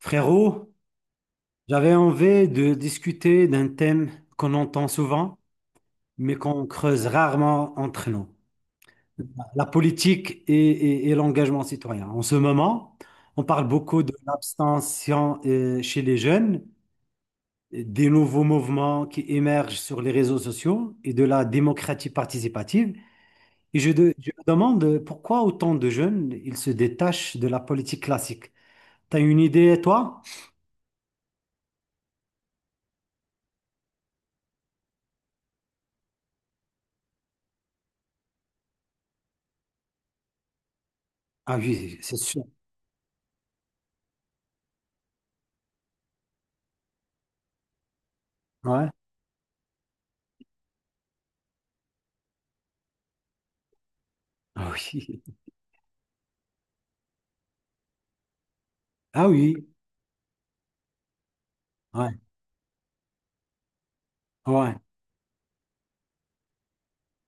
Frérot, j'avais envie de discuter d'un thème qu'on entend souvent, mais qu'on creuse rarement entre nous. La politique et l'engagement citoyen. En ce moment, on parle beaucoup de l'abstention chez les jeunes, des nouveaux mouvements qui émergent sur les réseaux sociaux et de la démocratie participative. Je me demande pourquoi autant de jeunes, ils se détachent de la politique classique. T'as une idée, toi? Ah oui, c'est sûr. Ouais. Ah oui. Ah oui, oui. Ouais, ouais,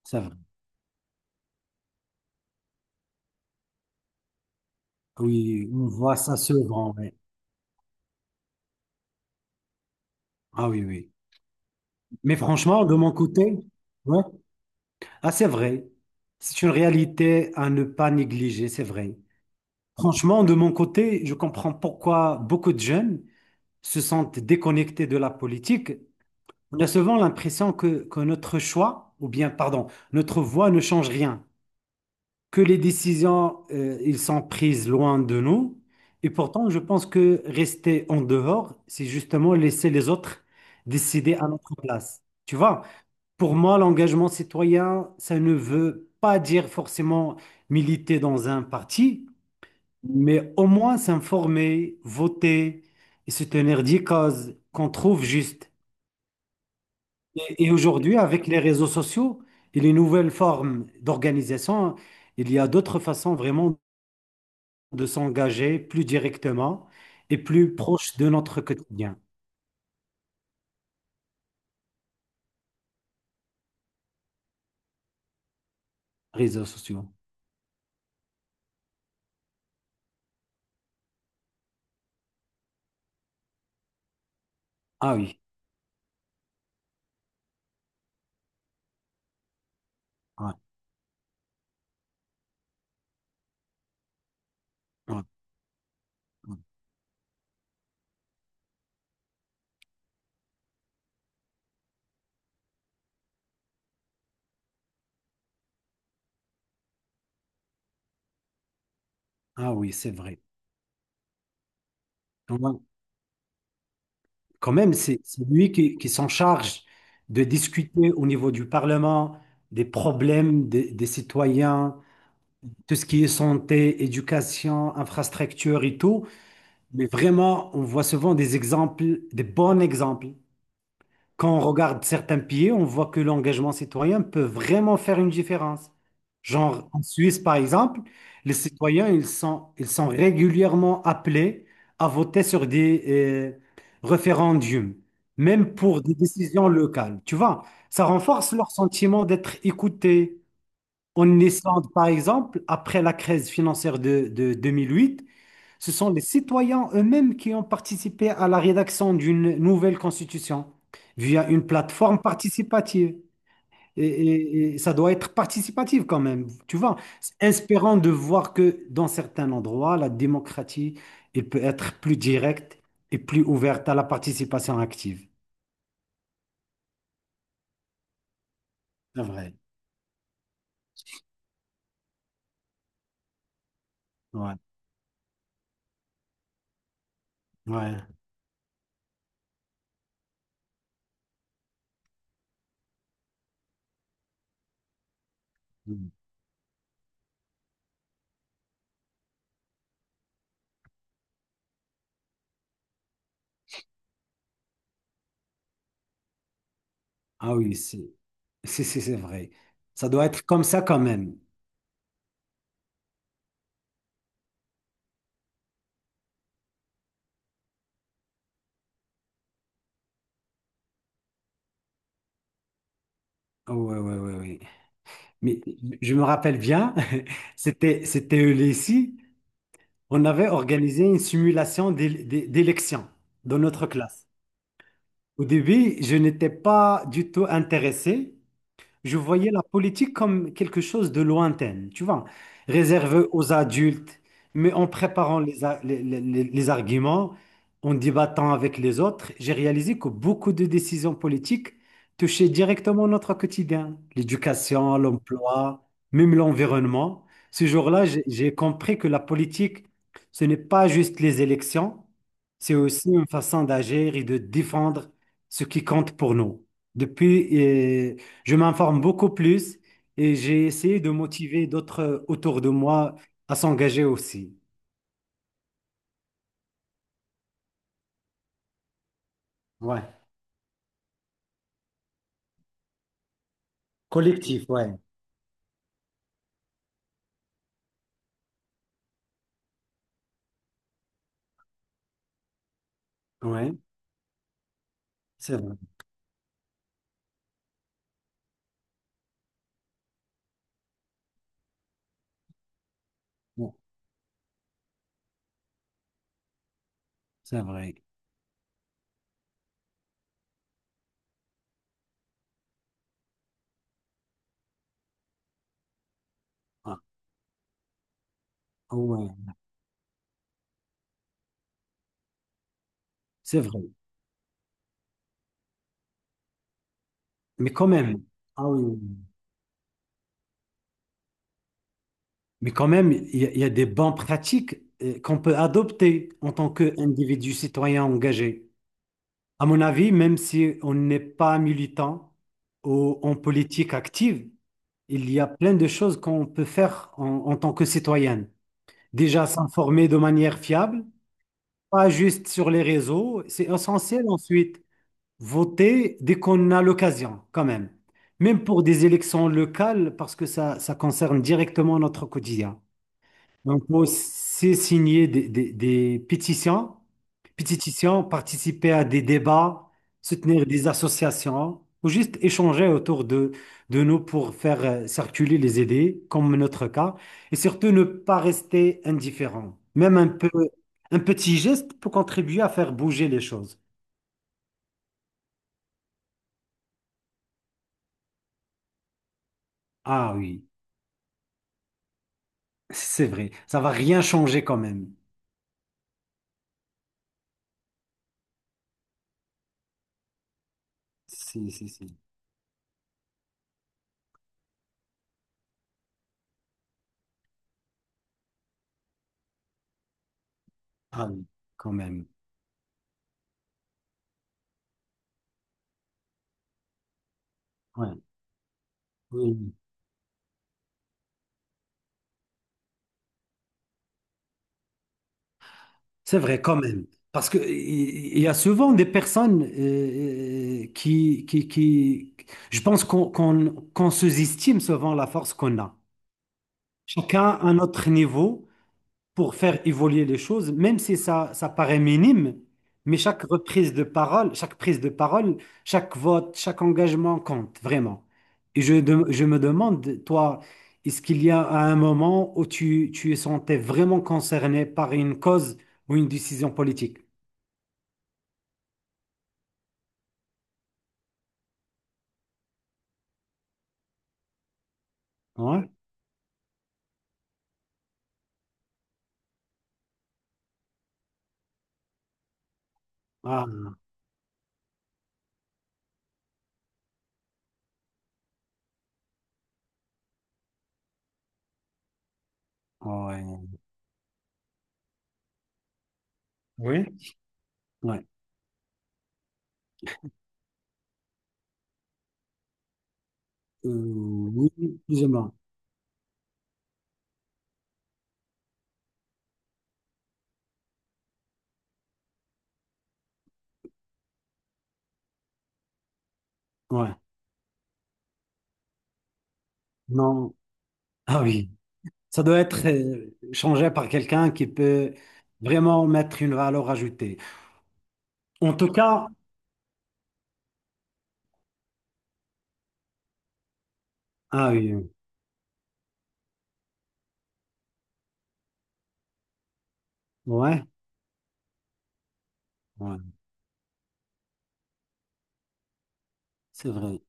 ça va. Oui, on voit ça souvent, ouais. Ah oui, oui. Mais franchement, de mon côté, ouais, ah, c'est vrai. C'est une réalité à ne pas négliger, c'est vrai. Franchement, de mon côté, je comprends pourquoi beaucoup de jeunes se sentent déconnectés de la politique. On a souvent l'impression que notre choix, ou bien, pardon, notre voix ne change rien. Que les décisions, ils sont prises loin de nous. Et pourtant, je pense que rester en dehors, c'est justement laisser les autres décider à notre place. Tu vois, pour moi, l'engagement citoyen, ça ne veut pas dire forcément militer dans un parti, mais au moins s'informer, voter et se tenir des causes qu'on trouve justes. Et aujourd'hui, avec les réseaux sociaux et les nouvelles formes d'organisation, il y a d'autres façons vraiment de s'engager plus directement et plus proche de notre quotidien, réseaux sociaux. Ah oui, ouais, ouais, ouais. Ah oui, c'est vrai. Ouais. Quand même, c'est lui qui s'en charge de discuter au niveau du Parlement des problèmes des citoyens, tout ce qui est santé, éducation, infrastructure et tout. Mais vraiment, on voit souvent des exemples, des bons exemples. Quand on regarde certains pays, on voit que l'engagement citoyen peut vraiment faire une différence. Genre en Suisse, par exemple, les citoyens, ils sont régulièrement appelés à voter sur des référendums, même pour des décisions locales. Tu vois, ça renforce leur sentiment d'être écoutés. En Islande, par exemple, après la crise financière de 2008, ce sont les citoyens eux-mêmes qui ont participé à la rédaction d'une nouvelle constitution via une plateforme participative. Et ça doit être participatif quand même, tu vois. C'est inspirant de voir que dans certains endroits, la démocratie, elle peut être plus directe et plus ouverte à la participation active. C'est vrai. Ouais. Ouais. Mm. Ah oui, c'est vrai. Ça doit être comme ça quand même. Oui, oui, oui. Mais je me rappelle bien, c'était au lycée, on avait organisé une simulation d'élection dans notre classe. Au début, je n'étais pas du tout intéressé, je voyais la politique comme quelque chose de lointain, tu vois, réservé aux adultes, mais en préparant les, a- les, les arguments, en débattant avec les autres, j'ai réalisé que beaucoup de décisions politiques touchaient directement notre quotidien, l'éducation, l'emploi, même l'environnement. Ce jour-là, j'ai compris que la politique, ce n'est pas juste les élections, c'est aussi une façon d'agir et de défendre ce qui compte pour nous. Depuis, je m'informe beaucoup plus et j'ai essayé de motiver d'autres autour de moi à s'engager aussi. Ouais. Collectif, ouais. Ouais, c'est vrai. Ouais, c'est vrai. Ah, ah ouais, c'est vrai. Mais quand même, ah oui. Oui, oui. Mais quand même, il y a des bonnes pratiques qu'on peut adopter en tant qu'individu citoyen engagé. À mon avis, même si on n'est pas militant ou en politique active, il y a plein de choses qu'on peut faire en tant que citoyen. Déjà s'informer de manière fiable, pas juste sur les réseaux, c'est essentiel ensuite. Voter dès qu'on a l'occasion, quand même. Même pour des élections locales, parce que ça concerne directement notre quotidien. Donc, moi, c'est signer des pétitions, pétitions, participer à des débats, soutenir des associations, ou juste échanger autour de nous pour faire circuler les idées, comme notre cas, et surtout ne pas rester indifférent. Même un peu, un petit geste peut contribuer à faire bouger les choses. Ah oui, c'est vrai, ça va rien changer quand même. Si, si, si. Ah oui, quand même. Ouais. Oui, oui. C'est vrai quand même. Parce que il y a souvent des personnes qui... Je pense qu'on sous-estime souvent la force qu'on a. Chacun à notre niveau pour faire évoluer les choses, même si ça, ça paraît minime, mais chaque prise de parole, chaque vote, chaque engagement compte, vraiment. Je me demande, toi, est-ce qu'il y a un moment où tu es sentais vraiment concerné par une cause ou une décision politique? Ouais. Ah, ouais. Oui. Ouais. Oui, plus ou moins. Ouais. Non. Ah oui. Ça doit être changé par quelqu'un qui peut vraiment mettre une valeur ajoutée. En tout cas, ah oui. Ouais. Ouais. C'est vrai.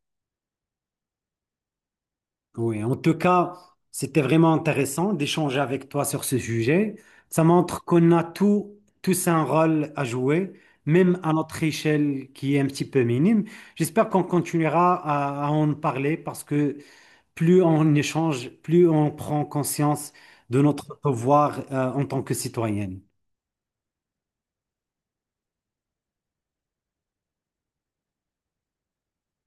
Oui. En tout cas, c'était vraiment intéressant d'échanger avec toi sur ce sujet. Ça montre qu'on a tout, tous un rôle à jouer, même à notre échelle qui est un petit peu minime. J'espère qu'on continuera à en parler parce que plus on échange, plus on prend conscience de notre devoir en tant que citoyenne.